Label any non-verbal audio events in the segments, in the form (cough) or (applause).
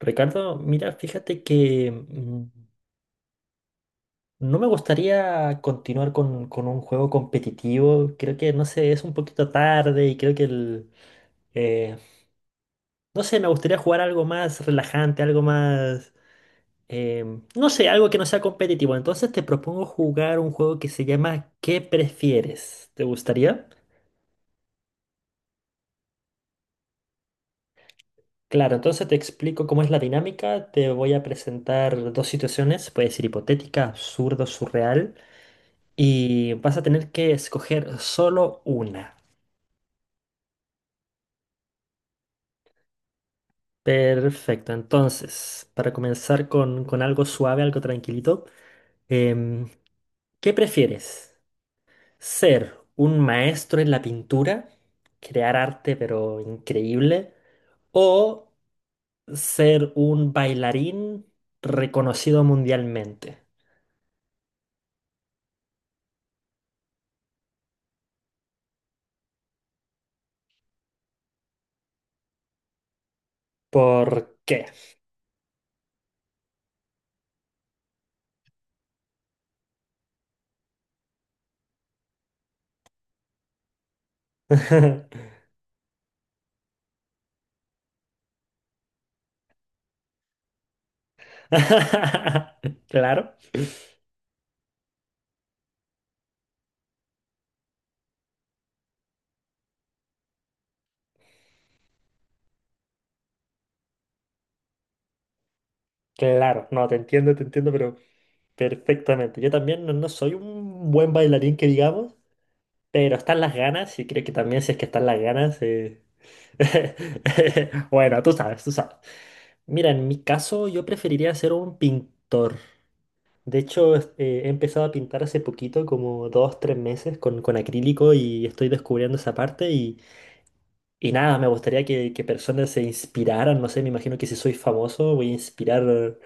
Ricardo, mira, fíjate que no me gustaría continuar con un juego competitivo. Creo que, no sé, es un poquito tarde y creo que eh, no sé, me gustaría jugar algo más relajante, algo no sé, algo que no sea competitivo. Entonces te propongo jugar un juego que se llama ¿Qué prefieres? ¿Te gustaría? Claro, entonces te explico cómo es la dinámica. Te voy a presentar dos situaciones. Puede ser hipotética, absurdo, surreal. Y vas a tener que escoger solo una. Perfecto, entonces, para comenzar con algo suave, algo tranquilito, em, ¿qué prefieres? ¿Ser un maestro en la pintura, crear arte pero increíble, o ser un bailarín reconocido mundialmente? ¿Por qué? (laughs) Claro, claro, no, te entiendo, pero... Perfectamente. Yo también no, no soy un buen bailarín que digamos, pero están las ganas y creo que también si es que están las ganas... (laughs) Bueno, tú sabes, tú sabes. Mira, en mi caso yo preferiría ser un pintor. De hecho, he empezado a pintar hace poquito, como dos, tres meses, con acrílico y estoy descubriendo esa parte y nada, me gustaría que personas se inspiraran, no sé, me imagino que si soy famoso voy a inspirar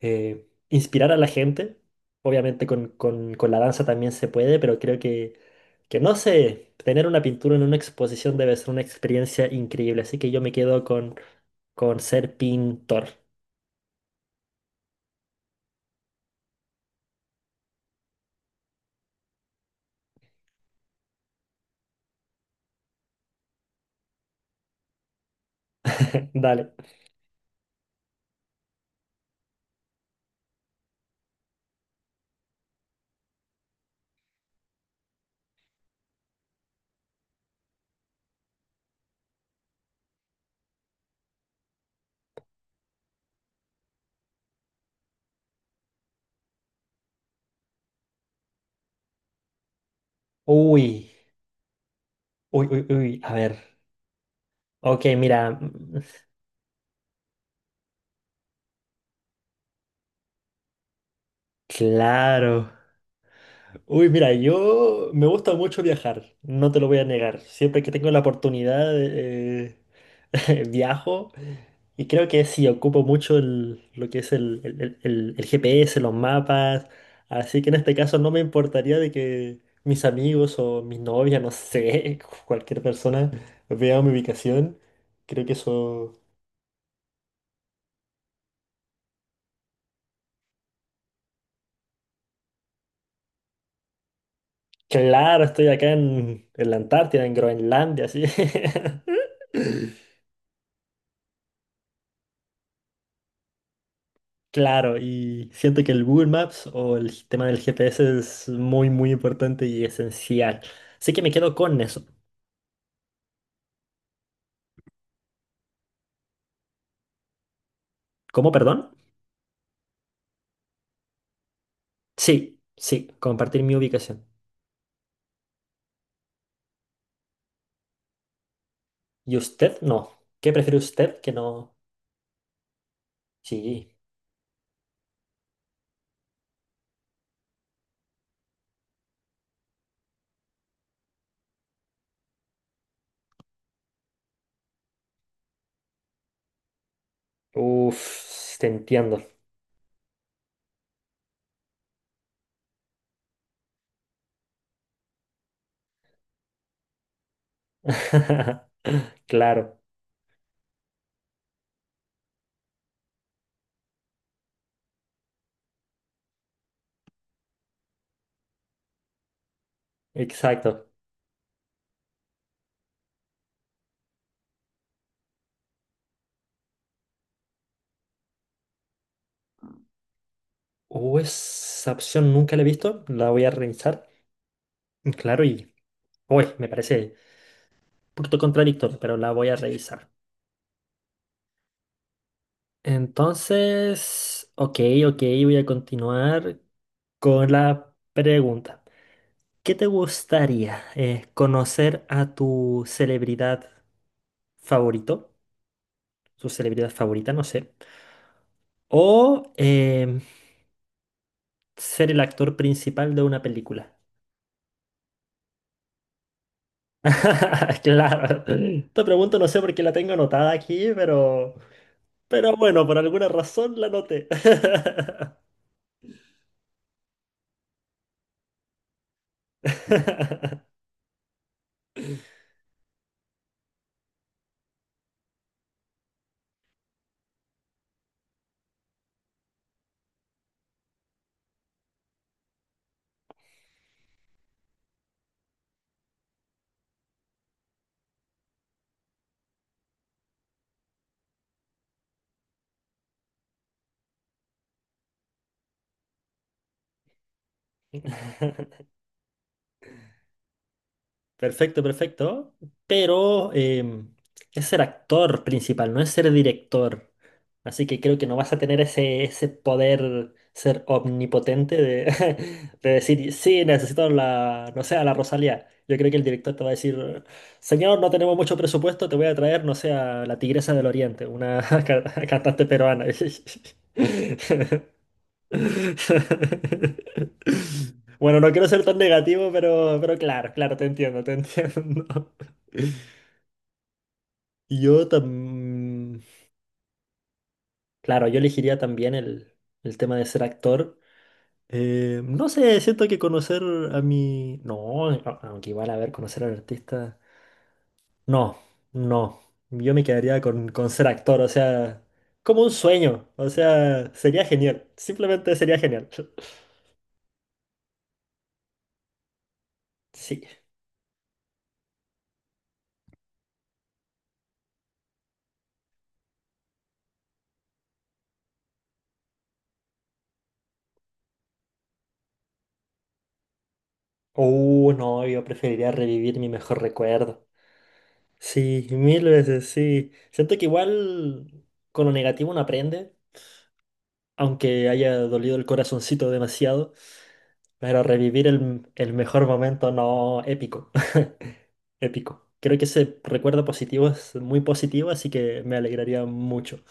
inspirar a la gente. Obviamente con la danza también se puede, pero creo que no sé, tener una pintura en una exposición debe ser una experiencia increíble. Así que yo me quedo con ser pintor. (laughs) Dale. Uy, uy, a ver. Ok, mira, claro. Uy, mira, yo me gusta mucho viajar, no te lo voy a negar. Siempre que tengo la oportunidad, (laughs) viajo. Y creo que sí, ocupo mucho lo que es el GPS, los mapas, así que en este caso no me importaría de que mis amigos o mis novias, no sé, (laughs) cualquier persona vea mi ubicación. Creo que eso... Claro, estoy acá en la Antártida, en Groenlandia, así. (laughs) Claro, y siento que el Google Maps o el tema del GPS es muy, muy importante y esencial. Así que me quedo con eso. ¿Cómo, perdón? Sí, sí, compartir mi ubicación. ¿Y usted? No. ¿Qué prefiere usted que no? Sí. Uf, te entiendo. (laughs) Claro, exacto. Esa opción nunca la he visto, la voy a revisar. Claro, y uy, me parece un poquito contradictorio, pero la voy a revisar. Entonces, ok, ok, voy a continuar con la pregunta. ¿Qué te gustaría conocer a tu celebridad favorito? Su celebridad favorita, no sé. O ser el actor principal de una película. (laughs) Claro. Esta pregunta no sé por qué la tengo anotada aquí, pero bueno, por alguna razón la anoté. (laughs) Perfecto, perfecto. Pero es ser actor principal, no es ser director. Así que creo que no vas a tener ese, ese poder ser omnipotente de, (laughs) de decir, sí, necesito la, no sé, a la Rosalía. Yo creo que el director te va a decir, señor, no tenemos mucho presupuesto, te voy a traer, no sé, a la Tigresa del Oriente, una (laughs) cantante peruana. (laughs) (laughs) Bueno, no quiero ser tan negativo, pero claro, claro, te entiendo, te entiendo. (laughs) Yo también, claro, yo elegiría también el tema de ser actor. No sé, siento que conocer a mi... No, aunque igual a ver, conocer al artista... No, no, yo me quedaría con ser actor, o sea, como un sueño, o sea, sería genial, simplemente sería genial. (laughs) Sí. No, yo preferiría revivir mi mejor recuerdo. Sí, mil veces, sí. Siento que igual con lo negativo uno aprende, aunque haya dolido el corazoncito demasiado, pero revivir el mejor momento no épico. (laughs) Épico. Creo que ese recuerdo positivo es muy positivo, así que me alegraría mucho.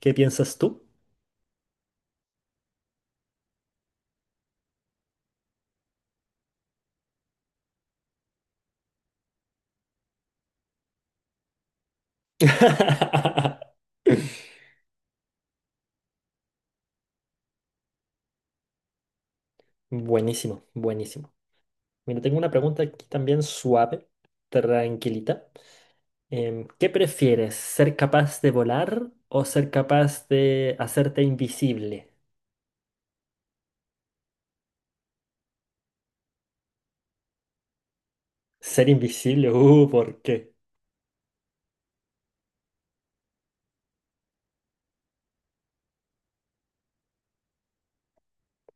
¿Qué piensas tú? (laughs) Buenísimo, buenísimo. Mira, tengo una pregunta aquí también suave, tranquilita. ¿Qué prefieres? ¿Ser capaz de volar o ser capaz de hacerte invisible? Ser invisible, ¿por qué?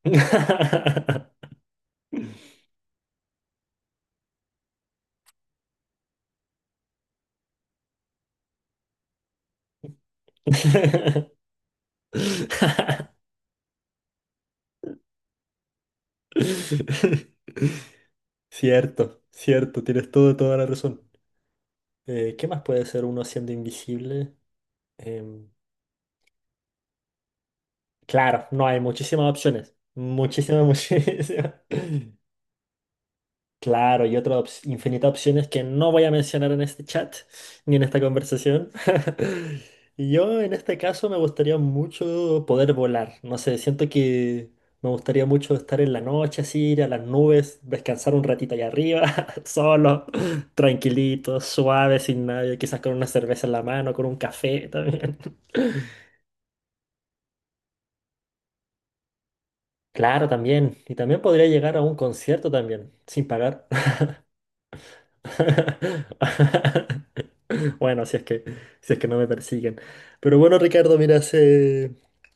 (laughs) Cierto, cierto, tienes todo, toda la razón. ¿Qué más puede ser uno siendo invisible? Em, claro, no hay muchísimas opciones. Muchísimas, (laughs) muchísimas. Claro, y otras infinitas opciones que no voy a mencionar en este chat ni en esta conversación. (laughs) Y yo en este caso me gustaría mucho poder volar. No sé, siento que me gustaría mucho estar en la noche así, ir a las nubes, descansar un ratito allá arriba, (laughs) solo, tranquilito, suave, sin nadie, quizás con una cerveza en la mano, con un café también. (laughs) Claro, también. Y también podría llegar a un concierto también, sin pagar. (laughs) Bueno, si es que, si es que no me persiguen. Pero bueno, Ricardo, mira, se-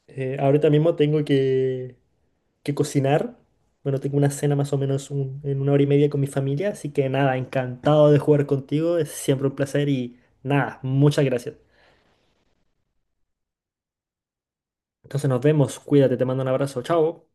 eh, ahorita mismo tengo que cocinar. Bueno, tengo una cena más o menos en 1 hora y media con mi familia, así que nada, encantado de jugar contigo, es siempre un placer y nada, muchas gracias. Entonces nos vemos, cuídate, te mando un abrazo, chao.